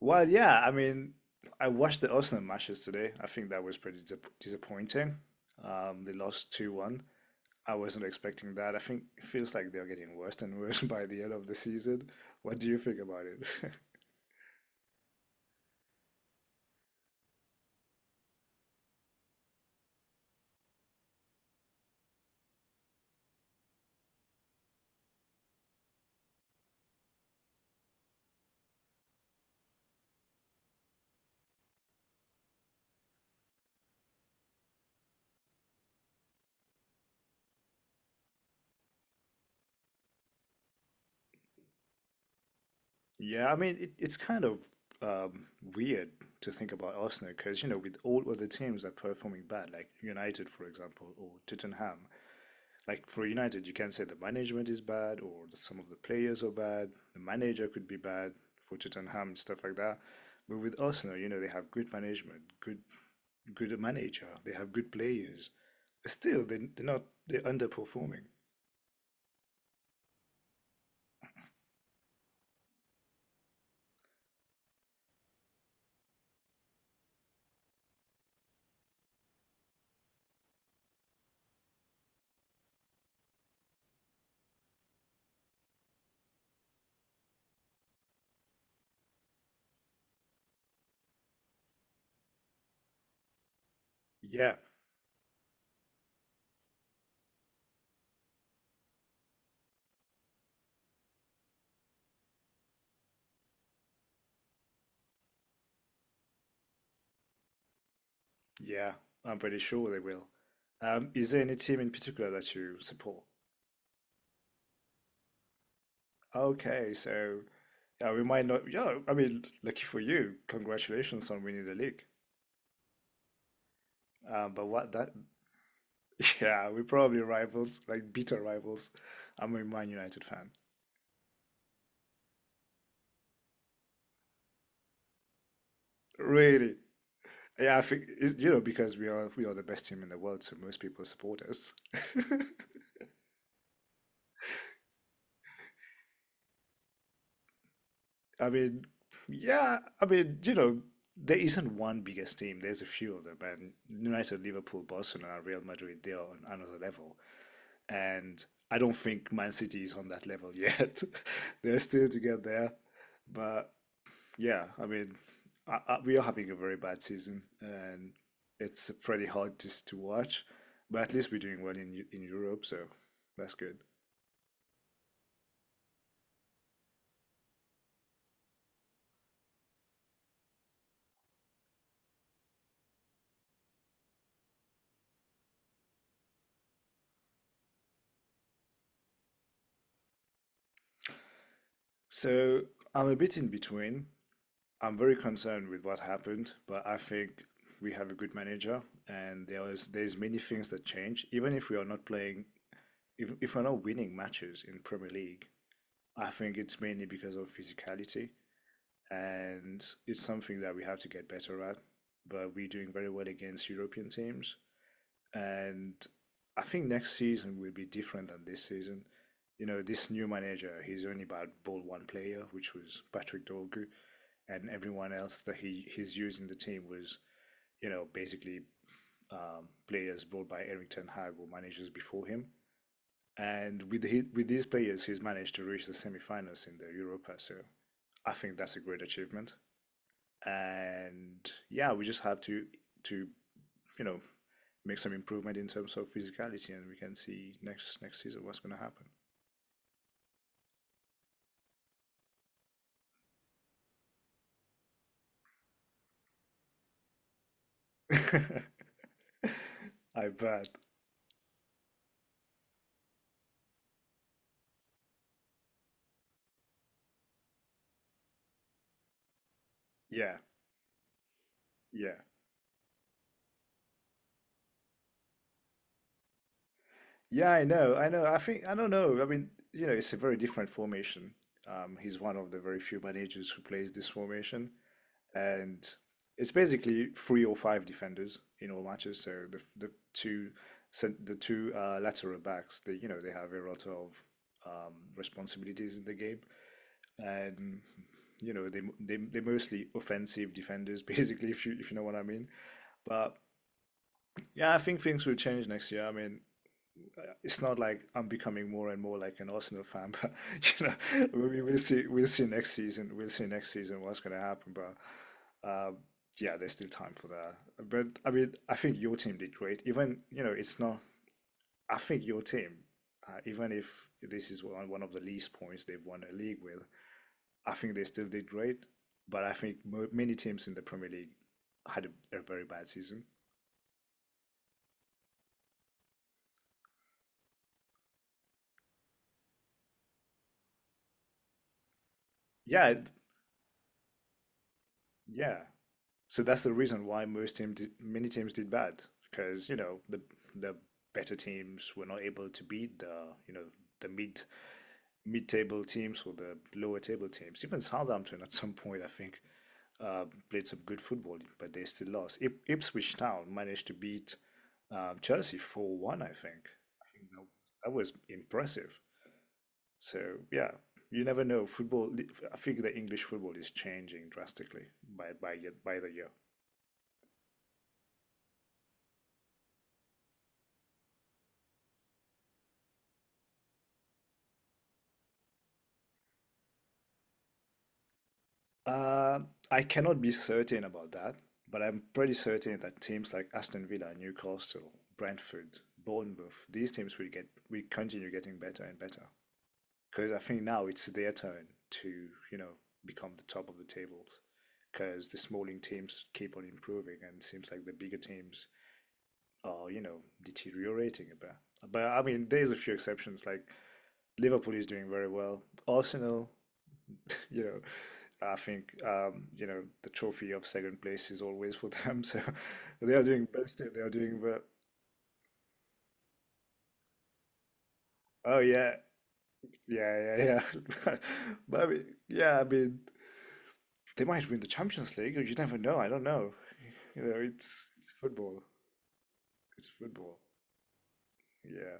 Well, yeah, I mean, I watched the Arsenal matches today. I think that was pretty disappointing. They lost 2-1. I wasn't expecting that. I think it feels like they're getting worse and worse by the end of the season. What do you think about it? Yeah, I mean, it's kind of um, weird to think about Arsenal because, with all other teams that are performing bad, like United, for example, or Tottenham. Like for United, you can say the management is bad, or some of the players are bad. The manager could be bad for Tottenham and stuff like that. But with Arsenal, they have good management, good manager. They have good players. But still, they, they're not they're underperforming. Yeah, yeah, I'm pretty sure they will. Is there any team in particular that you support? Okay, so yeah, we might not. Yeah, I mean, lucky for you, congratulations on winning the league. But what that Yeah, we're probably rivals, like bitter rivals. I'm a Man United fan. Really. Yeah, I think because we are the best team in the world, so most people support us. I mean, yeah, I mean, there isn't one biggest team. There's a few of them, and United, Liverpool, Barcelona, Real Madrid, they are on another level. And I don't think Man City is on that level yet. They're still to get there, but yeah, I mean, we are having a very bad season, and it's pretty hard just to watch. But at least we're doing well in in Europe, so that's good. So I'm a bit in between. I'm very concerned with what happened, but I think we have a good manager, and there's many things that change. Even if we are not playing, if we're not winning matches in Premier League, I think it's mainly because of physicality. And it's something that we have to get better at. But we're doing very well against European teams, and I think next season will be different than this season. This new manager, he's only about ball one player, which was Patrick Dorgu, and everyone else that he's using the team was, basically players brought by Erik Ten Hag or managers before him. And with these players, he's managed to reach the semi-finals in the Europa. So I think that's a great achievement, and yeah, we just have to you know make some improvement in terms of physicality, and we can see next season what's going to happen. I bet. Yeah, yeah, yeah. I know, I know. I think I don't know. I mean, it's a very different formation. He's one of the very few managers who plays this formation, and it's basically three or five defenders in all matches. So the two lateral backs, they you know they have a lot of responsibilities in the game, and they're mostly offensive defenders basically if you know what I mean. But yeah, I think things will change next year. I mean, it's not like I'm becoming more and more like an Arsenal fan, but we'll see next season. We'll see next season what's going to happen, but um, yeah, there's still time for that. But I mean, I think your team did great. Even, it's not I think your team, even if this is one of the least points they've won a league with, I think they still did great. But I think mo many teams in the Premier League had a very bad season. Yeah, yeah. So that's the reason why many teams did bad because the better teams were not able to beat the you know the mid table teams or the lower table teams. Even Southampton at some point I think played some good football, but they still lost. Ip Ipswich Town managed to beat Chelsea 4-1. I think that was impressive. So yeah, you never know. Football, I think the English football is changing drastically by the year. Uh, I cannot be certain about that, but I'm pretty certain that teams like Aston Villa, Newcastle, Brentford, Bournemouth, these teams will continue getting better and better. Because I think now it's their turn to, you know, become the top of the tables. Because the smaller teams keep on improving, and it seems like the bigger teams are, deteriorating a bit. But I mean, there's a few exceptions. Like Liverpool is doing very well. Arsenal, you know, I think the trophy of second place is always for them. So they are doing best. They are doing well. Oh yeah, yeah, yeah, yeah. But I mean, yeah, I mean, they might win the Champions League. You never know. I don't know. It's football. It's football. Yeah,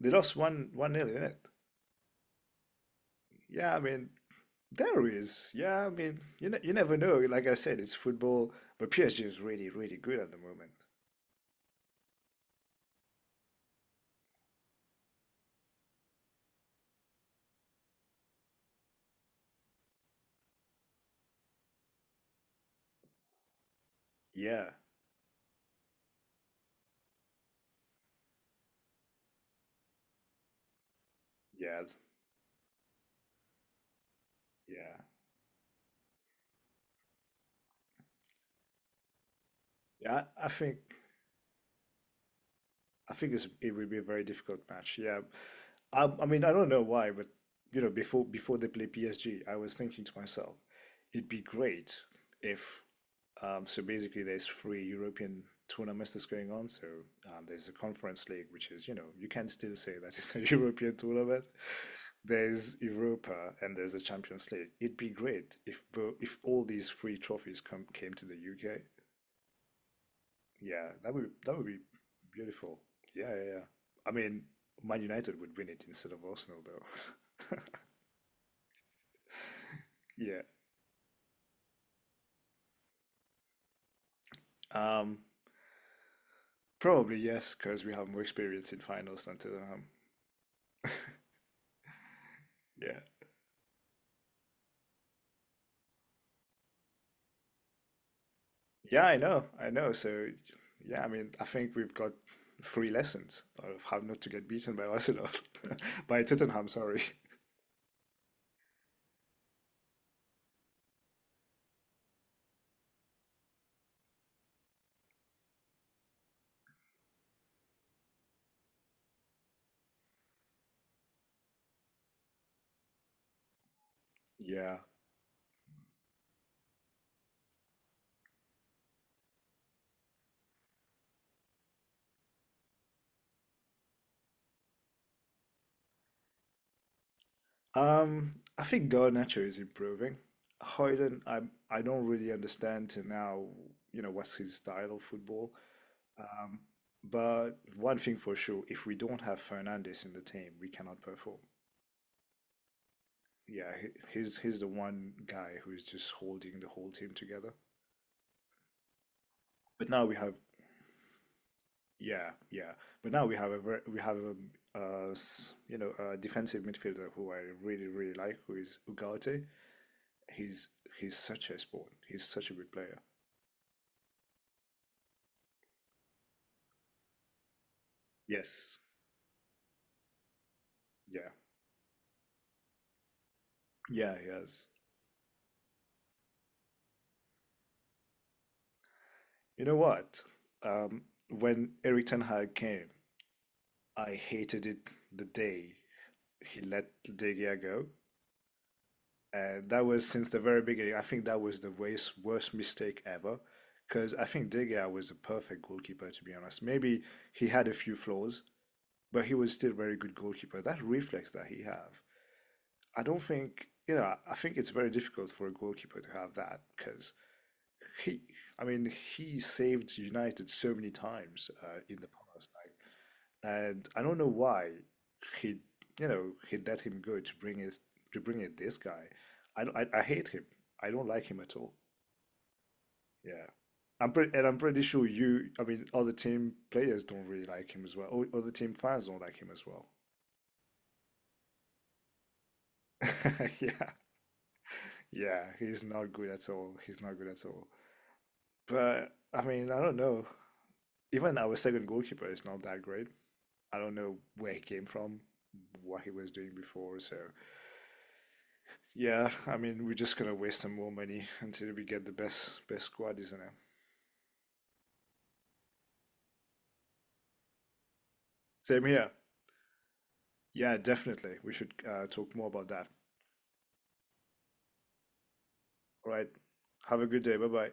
they lost one nil, didn't it? Yeah, I mean, there is. Yeah, I mean, you never know. Like I said, it's football. But PSG is really, really good at the moment. Yeah, yeah, yeah, yeah. I think. I think it will be a very difficult match. Yeah, I mean, I don't know why, but before they play PSG, I was thinking to myself, it'd be great if so basically there's three European tournaments that's going on. So there's the Conference League, which is you can still say that it's a European tournament. There's Europa and there's the Champions League. It'd be great if all these three trophies come came to the UK. Yeah, that would be beautiful. Yeah, yeah, yeah. I mean, Man United would win it instead of Arsenal, though. Yeah. Um, probably yes, because we have more experience in finals than Tottenham. Yeah. Yeah, I know. I know. So, yeah, I mean, I think we've got three lessons of how not to get beaten by Arsenal, by Tottenham, sorry. Yeah. Um, I think Garnacho is improving. Højlund, I don't really understand to now, what's his style of football. Um, but one thing for sure, if we don't have Fernandes in the team, we cannot perform. Yeah, he's the one guy who is just holding the whole team together. But now we have Yeah, yeah. But now we have a s- you know a defensive midfielder who I really really like, who is Ugarte. He's he's such a sport. He's such a good player. Yes, yeah, yeah, he has. You know what? Um, when Eric Ten Hag came, I hated it the day he let De Gea go. And that was since the very beginning. I think that was the worst, worst mistake ever. Because I think De Gea was a perfect goalkeeper, to be honest. Maybe he had a few flaws, but he was still a very good goalkeeper. That reflex that he have, I don't think, I think it's very difficult for a goalkeeper to have that because he, I mean, he saved United so many times in the past. Like, and I don't know why he, he let him go to bring in this guy. I hate him. I don't like him at all. Yeah, I'm pretty sure you. I mean, other team players don't really like him as well. Or other team fans don't like him as well. Yeah, yeah, he's not good at all. He's not good at all. But I mean, I don't know. Even our second goalkeeper is not that great. I don't know where he came from, what he was doing before. So yeah, I mean, we're just gonna waste some more money until we get the best squad, isn't it? Same here. Yeah, definitely. We should talk more about that. All right. Have a good day. Bye bye.